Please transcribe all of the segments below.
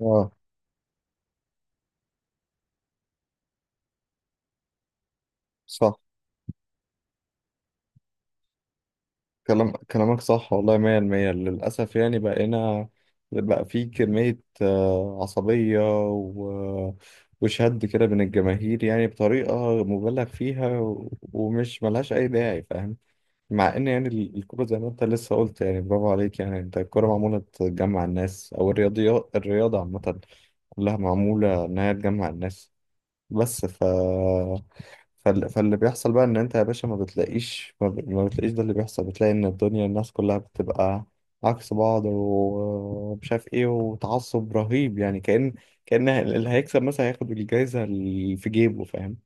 اه، صح. كلامك صح، والله مية المية، للأسف. يعني بقينا بقى في كمية عصبية و... وشد كده بين الجماهير يعني بطريقة مبالغ فيها، ومش ملهاش أي داعي، فاهم؟ مع إن يعني الكورة زي ما أنت لسه قلت، يعني برافو عليك، يعني أنت الكورة معمولة تجمع الناس، أو الرياضة عامة كلها معمولة إنها تجمع الناس. بس فاللي بيحصل بقى ان انت يا باشا، ما بتلاقيش ده اللي بيحصل. بتلاقي ان الدنيا الناس كلها بتبقى عكس بعض، ومش عارف ايه، وتعصب رهيب، يعني كأن اللي هيكسب مثلا هياخد الجايزة اللي في جيبه، فاهم؟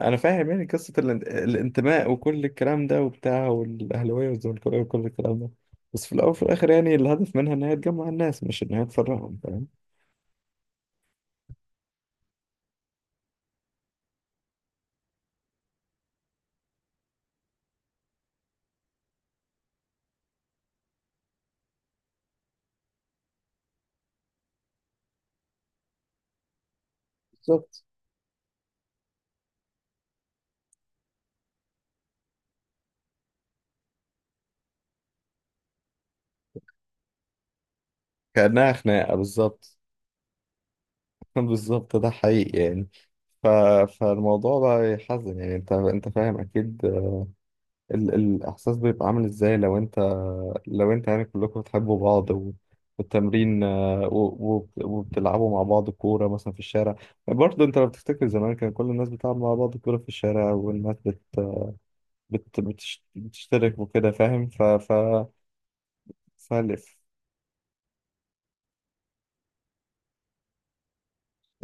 انا فاهم يعني قصة الانتماء وكل الكلام ده وبتاع، والاهلاوية والزملكاوية وكل الكلام ده. بس في الاول وفي الاخر يعني الهدف منها ان هي تجمع الناس، مش ان هي تفرقهم، فاهم؟ بالظبط، كأنها خناقة بالظبط. بالظبط ده حقيقي يعني. ف... فالموضوع بقى يحزن يعني، انت فاهم اكيد. الاحساس بيبقى عامل ازاي؟ لو انت يعني كلكم بتحبوا بعض والتمرين، وبتلعبوا مع بعض كورة مثلا في الشارع. برضه انت لو بتفتكر زمان، كان كل الناس بتلعب مع بعض كورة في الشارع، والناس بتشترك وكده، فاهم؟ ف ف فالف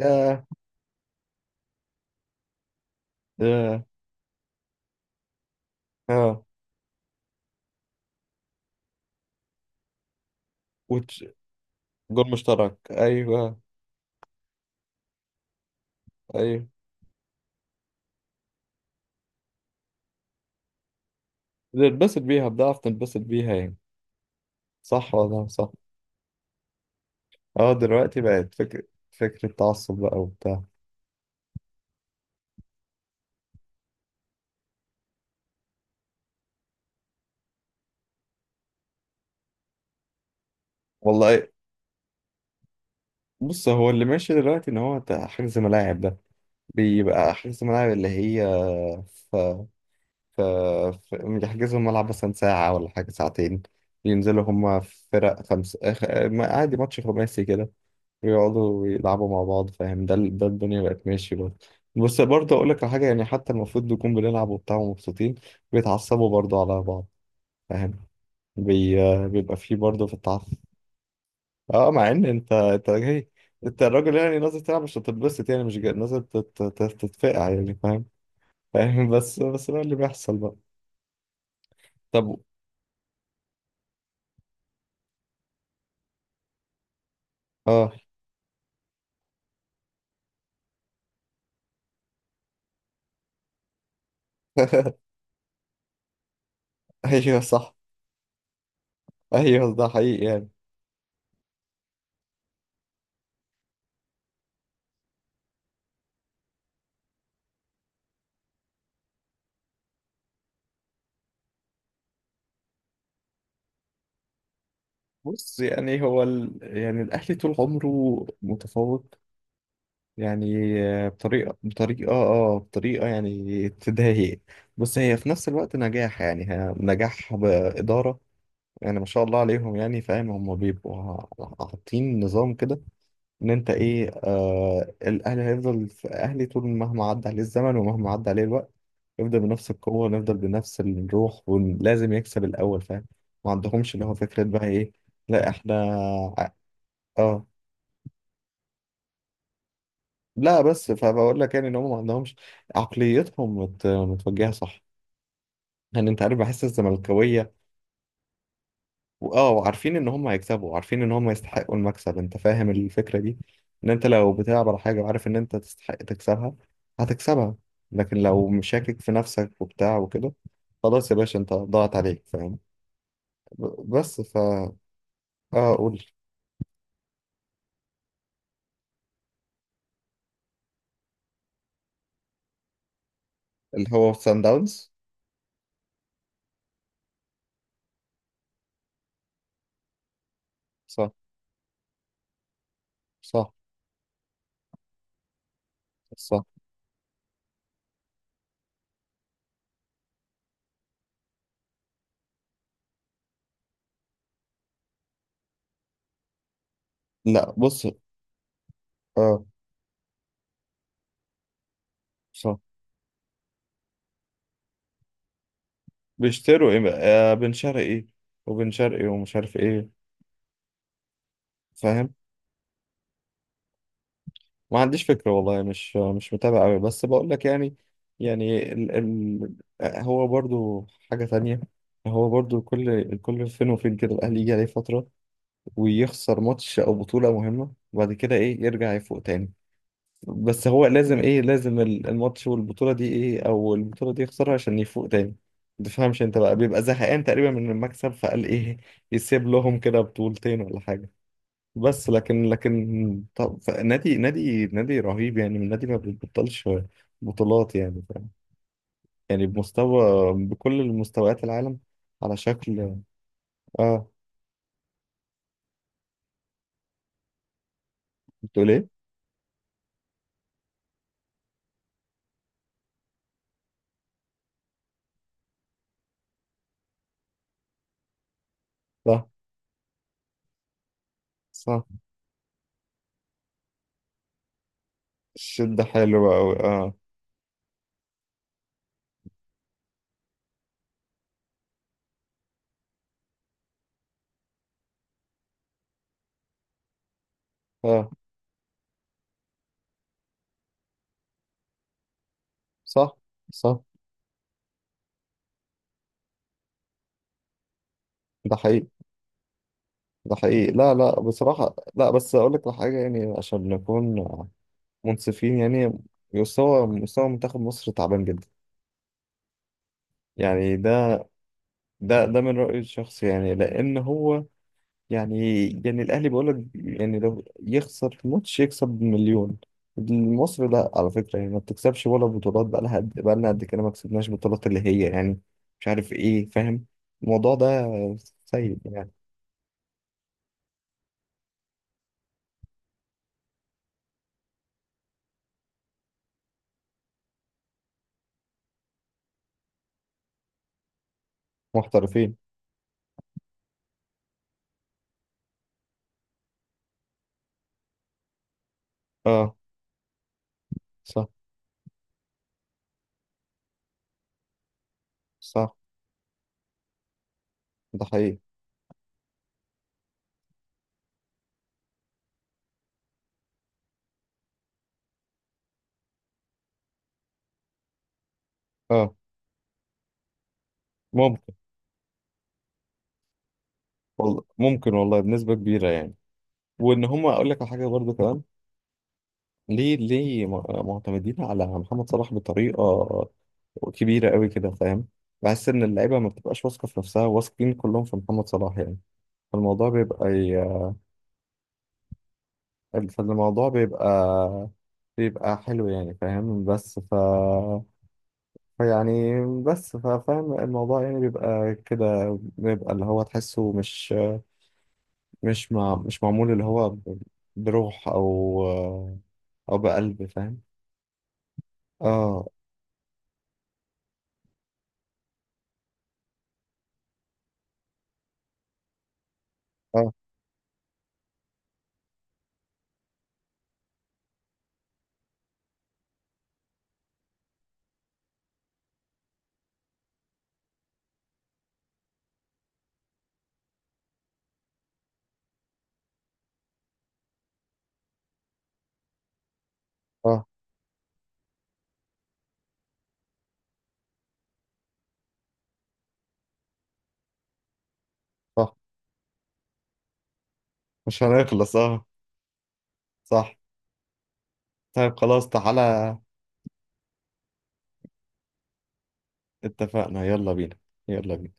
ياه، ياه، اه. وتش... جول مشترك، ايوه. ايوه، بتنبسط بيها، بتعرف تنبسط بيها يعني. صح ولا صح؟ اه، دلوقتي بقت فكرة تعصب بقى وبتاع. والله، بص هو اللي ماشي دلوقتي ان هو بتاع حجز ملاعب ده. بيبقى حجز ملاعب، اللي هي، ف ف ف- يحجزوا الملعب مثلا ساعة ولا حاجة، ساعتين، ينزلوا هما فرق خمسة، عادي ماتش خماسي كده، ويقعدوا يلعبوا مع بعض فاهم. ده الدنيا بقت ماشي برضه. بس برضه أقول لك على حاجة يعني، حتى المفروض نكون بنلعب وبتاع ومبسوطين، بيتعصبوا برضه على بعض، فاهم؟ بي... بيبقى فيه برضه في التعاطف. اه، مع ان انت جاي، انت الراجل يعني نازل تلعب مش تتبسط، يعني مش جاي نازل تتفقع يعني فاهم بس ده اللي بيحصل بقى. طب، اه. ايوه صح، ايوه ده حقيقي يعني. بص يعني، يعني الاهلي طول عمره متفوق يعني، بطريقه يعني تضايق. بس هي في نفس الوقت نجاح، يعني نجاح باداره. يعني ما شاء الله عليهم يعني فاهم، هم بيبقوا حاطين نظام كده، ان انت ايه، الاهلي هيفضل في اهلي طول، مهما عدى عليه الزمن ومهما عدى عليه الوقت، يفضل بنفس القوة ونفضل بنفس الروح، ولازم يكسب الاول، فاهم؟ ما عندهمش اللي هو فكرة بقى ايه، لا احنا، اه. لا بس فبقول لك يعني ان هم ما عندهمش عقليتهم متوجهة صح، يعني انت عارف بحس الزملكاوية. وعارفين ان هم هيكسبوا وعارفين ان هم يستحقوا المكسب، انت فاهم الفكرة دي، ان انت لو بتلعب على حاجة وعارف ان انت تستحق تكسبها، هتكسبها. لكن لو مشاكك في نفسك وبتاع وكده، خلاص يا باشا، انت ضاعت عليك، فاهم؟ ب- بس فا اه قول. اللي هو سان داونز، صح، صح، صح، لا بص، اه صح. بيشتروا ايه بقى؟ بن شرقي، وبن شرقي ومش عارف ايه، فاهم. ما عنديش فكرة، والله مش متابع قوي، بس بقول لك يعني ال ال هو برضو حاجة تانية. هو برضو كل فين وفين كده، الأهلي يجي عليه فترة ويخسر ماتش أو بطولة مهمة، وبعد كده إيه يرجع يفوق تاني. بس هو لازم إيه، لازم الماتش والبطولة دي إيه، أو البطولة دي يخسرها عشان يفوق تاني. متفهمش أنت بقى، بيبقى زهقان تقريبا من المكسب فقال إيه، يسيب لهم كده بطولتين ولا حاجة. بس لكن طب، نادي رهيب يعني، من نادي ما بيبطلش بطولات يعني فاهم. يعني بمستوى بكل المستويات العالم على شكل. اه، بتقول ايه؟ صح، صح. الشد حلو قوي. اه، اه، صح، صح، ده حقيقي، ده حقيقي. لا لا، بصراحة لا، بس اقول لك على حاجة يعني عشان نكون منصفين يعني، مستوى منتخب مصر تعبان جدا يعني. ده من رأيي الشخصي يعني، لأن هو، يعني الاهلي بقول لك يعني، لو يخسر في ماتش يكسب بمليون. مصر لا على فكره يعني، ما بتكسبش ولا بطولات. بقى لها قد بقى لنا قد كده، ما كسبناش بطولات اللي هي يعني، مش عارف ايه، فاهم؟ الموضوع ده سيء يعني. محترفين، اه صح، صح، ده حقيقي. اه، ممكن، والله ممكن، والله بنسبه كبيره يعني. وان هم اقول لك على حاجه برضو كمان، ليه معتمدين على محمد صلاح بطريقة كبيرة قوي كده، فاهم. بحس إن اللعيبة ما بتبقاش واثقة في نفسها، واثقين كلهم في محمد صلاح يعني. فالموضوع بيبقى ي... فالموضوع بيبقى حلو يعني فاهم. بس ف فيعني بس ف- فاهم الموضوع يعني، بيبقى كده، بيبقى اللي هو تحسه مش معمول اللي هو بروح أو بقلب، فاهم. اه، اه، اه، اه، مش هنخلص اه. صح، طيب خلاص، تعالى. اتفقنا، يلا بينا، يلا بينا.